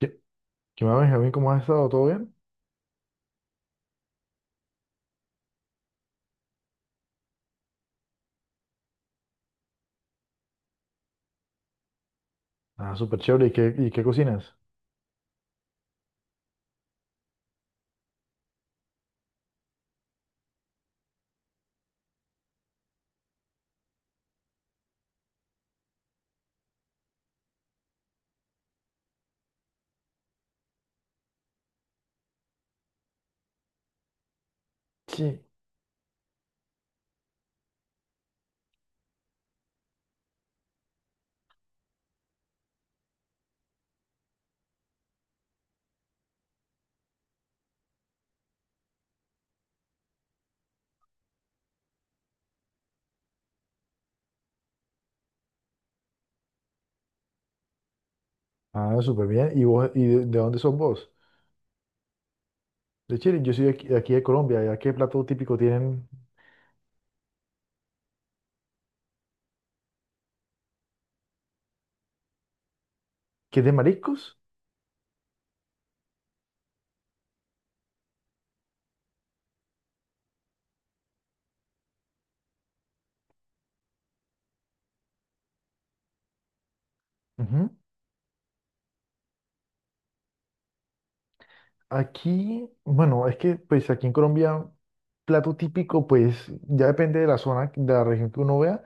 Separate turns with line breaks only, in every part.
¿Qué, qué más, Benjamín? ¿Cómo has estado? ¿Todo bien? Ah, súper chévere. ¿Y qué cocinas? Sí. Ah, súper bien. ¿Y de dónde sos vos? De Chile. Yo soy de aquí, de Colombia. ¿Ya qué plato típico tienen? ¿Qué, es de mariscos? Ujú. Aquí, bueno, es que pues aquí en Colombia, plato típico, pues ya depende de la zona, de la región que uno vea.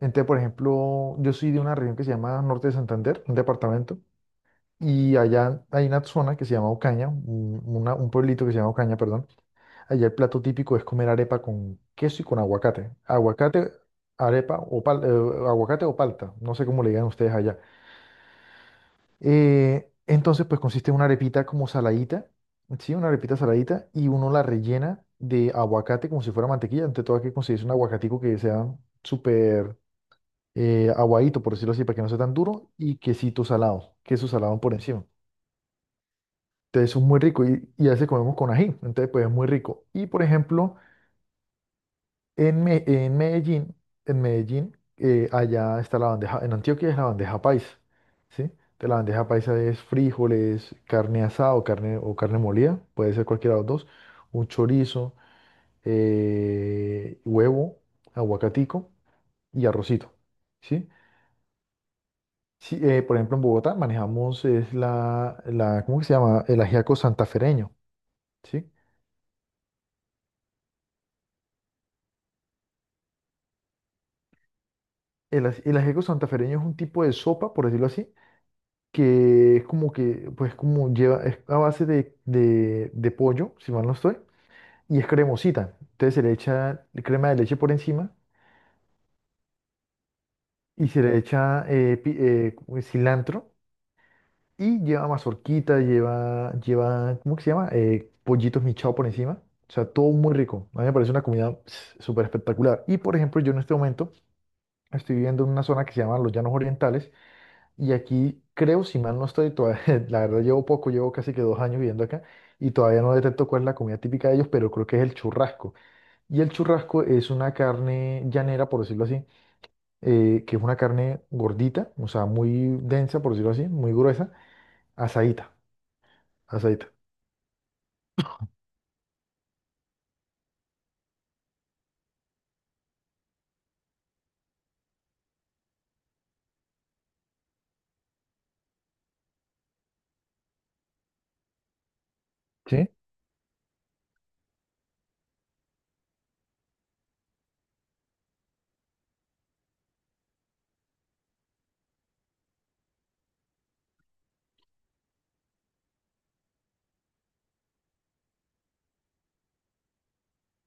Entonces, por ejemplo, yo soy de una región que se llama Norte de Santander, un departamento. Y allá hay una zona que se llama Ocaña, un pueblito que se llama Ocaña, perdón. Allá el plato típico es comer arepa con queso y con aguacate. Aguacate, aguacate o palta, no sé cómo le digan ustedes allá. Entonces, pues consiste en una arepita como saladita, ¿sí? Una arepita saladita y uno la rellena de aguacate como si fuera mantequilla. Ante todo, hay que conseguirse un aguacatico que sea súper aguadito, por decirlo así, para que no sea tan duro y quesito salado, queso salado por encima. Entonces, es muy rico y a veces comemos con ají, entonces, pues es muy rico. Y, por ejemplo, En, Me- en Medellín, en Medellín, allá está la bandeja, en Antioquia es la bandeja paisa, ¿sí? De la bandeja paisa es frijoles, carne asada o carne molida, puede ser cualquiera de los dos, un chorizo, huevo, aguacatico y arrocito, ¿sí? Sí, por ejemplo, en Bogotá manejamos es la, ¿cómo que se llama? El ajiaco santafereño, ¿sí? El ajiaco santafereño es un tipo de sopa, por decirlo así, que es como que, pues como lleva, es a base de pollo, si mal no estoy, y es cremosita. Entonces se le echa crema de leche por encima y se le echa como es cilantro y lleva mazorquita, lleva, ¿cómo que se llama? Pollitos michao por encima. O sea, todo muy rico. A mí me parece una comida pss, súper espectacular. Y por ejemplo, yo en este momento estoy viviendo en una zona que se llama Los Llanos Orientales. Y aquí creo, si mal no estoy, la verdad llevo poco, llevo casi que 2 años viviendo acá y todavía no detecto cuál es la comida típica de ellos, pero creo que es el churrasco. Y el churrasco es una carne llanera, por decirlo así, que es una carne gordita, o sea, muy densa, por decirlo así, muy gruesa, asadita, asadita. ¿Sí?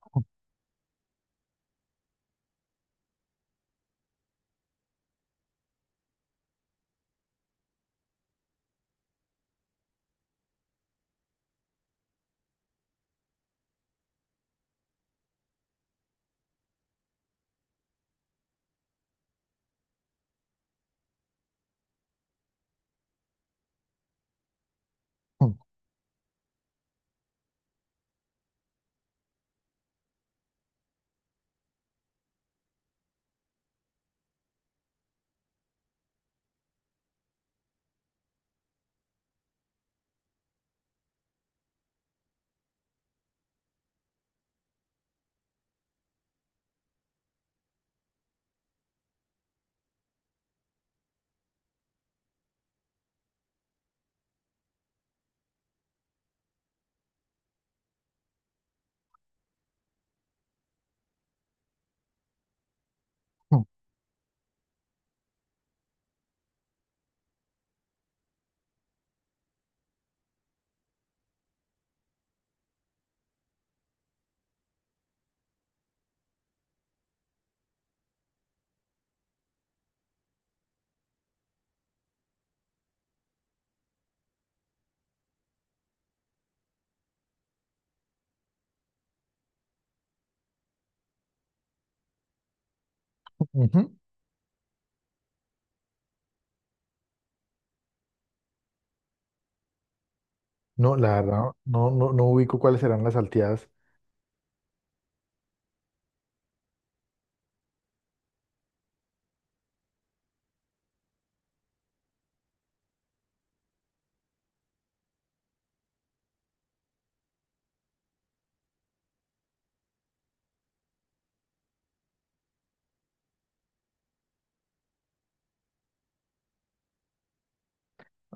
Mm, mm, ujú. No, la verdad, no, no, no ubico cuáles serán las salteadas.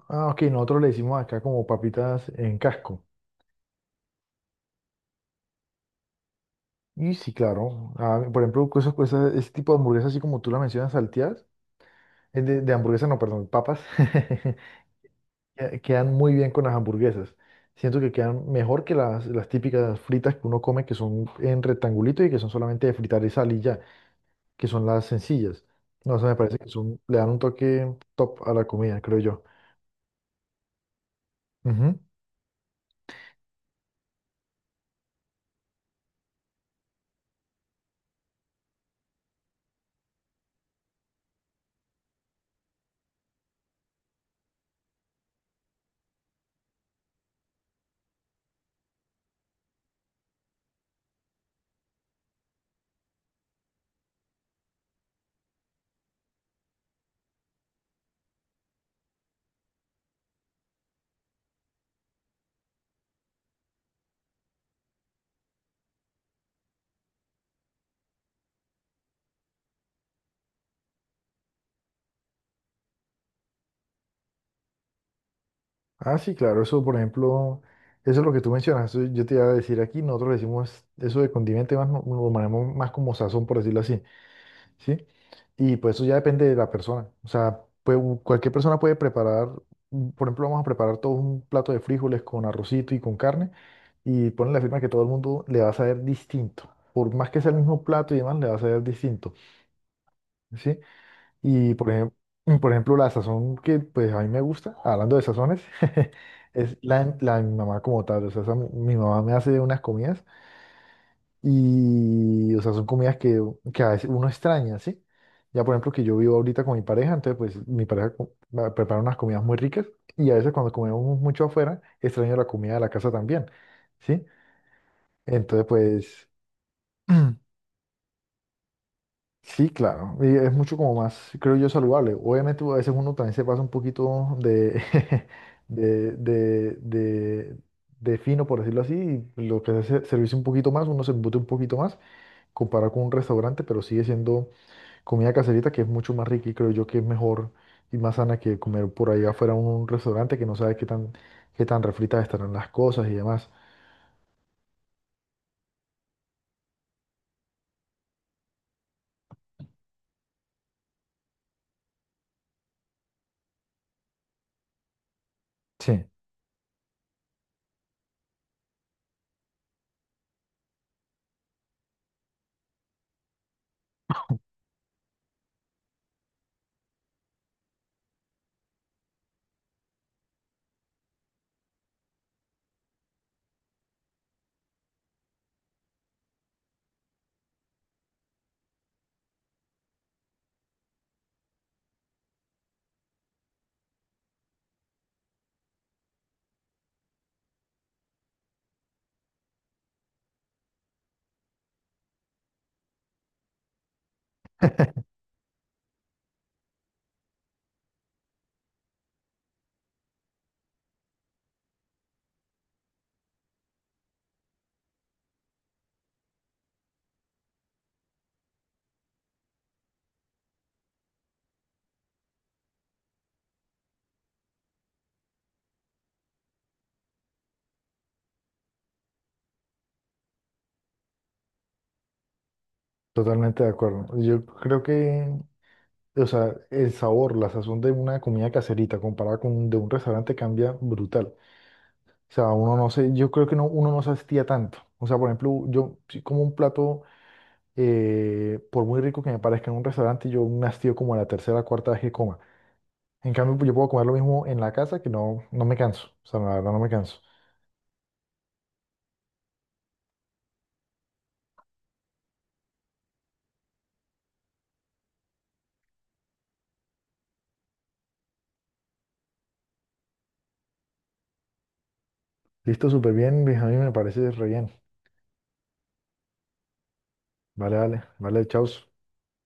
Ah, ok, nosotros le decimos acá como papitas en casco. Y sí, claro. Ah, por ejemplo, ese tipo de hamburguesas, así como tú la mencionas, salteadas, de hamburguesas, no, perdón, papas, quedan muy bien con las hamburguesas. Siento que quedan mejor que las típicas fritas que uno come, que son en rectangulito y que son solamente de fritar y sal y ya, que son las sencillas. No, eso me parece que son, le dan un toque top a la comida, creo yo. Ujú. Ah, sí, claro, eso, por ejemplo, eso es lo que tú mencionas. Eso Yo te iba a decir aquí, nosotros le decimos eso de condimento, y más, lo manejamos más como sazón, por decirlo así. ¿Sí? Y pues eso ya depende de la persona. O sea, cualquier persona puede preparar, mm, por ejemplo, vamos a preparar todos un plato de frijoles con arrocito y con carne y ponen la firma que todo el mundo le va a saber distinto. Por más que sea el mismo plato y demás, le va a saber distinto, ¿sí? Y por ejemplo, por ejemplo, la sazón que pues a mí me gusta, hablando de sazones, es la de mi mamá como tal. O sea, mi mamá me hace unas comidas. Y, o sea, son comidas que a veces uno extraña, ¿sí? Ya, por ejemplo, que yo vivo ahorita con mi pareja, entonces, pues, mi pareja me prepara unas comidas muy ricas y a veces cuando comemos mucho afuera, extraño la comida de la casa también, ¿sí? Entonces, pues, sí, claro, y es mucho como más, creo yo, saludable. Obviamente, a veces uno también se pasa un poquito de, de, de, de, de fino, por decirlo así, y lo que hace es servirse un poquito más, uno se embute un poquito más, comparado con un restaurante, pero sigue siendo comida caserita que es mucho más rica y creo yo que es mejor y más sana que comer por ahí afuera en un restaurante que no sabes qué tan refritas estarán las cosas y demás. Sí, totalmente de acuerdo. Yo creo que, o sea, el sabor, la sazón de una comida caserita comparada con de un restaurante cambia brutal. O sea, uno no se, yo creo que no, uno no se hastía tanto. O sea, por ejemplo, yo si como un plato, por muy rico que me parezca en un restaurante, yo me hastío como a la tercera o cuarta vez que coma. En cambio, pues, yo puedo comer lo mismo en la casa que no, no me canso. O sea, la verdad no me canso. Listo, súper bien, Luis. A mí me parece re bien. Vale, vale, vale, chao.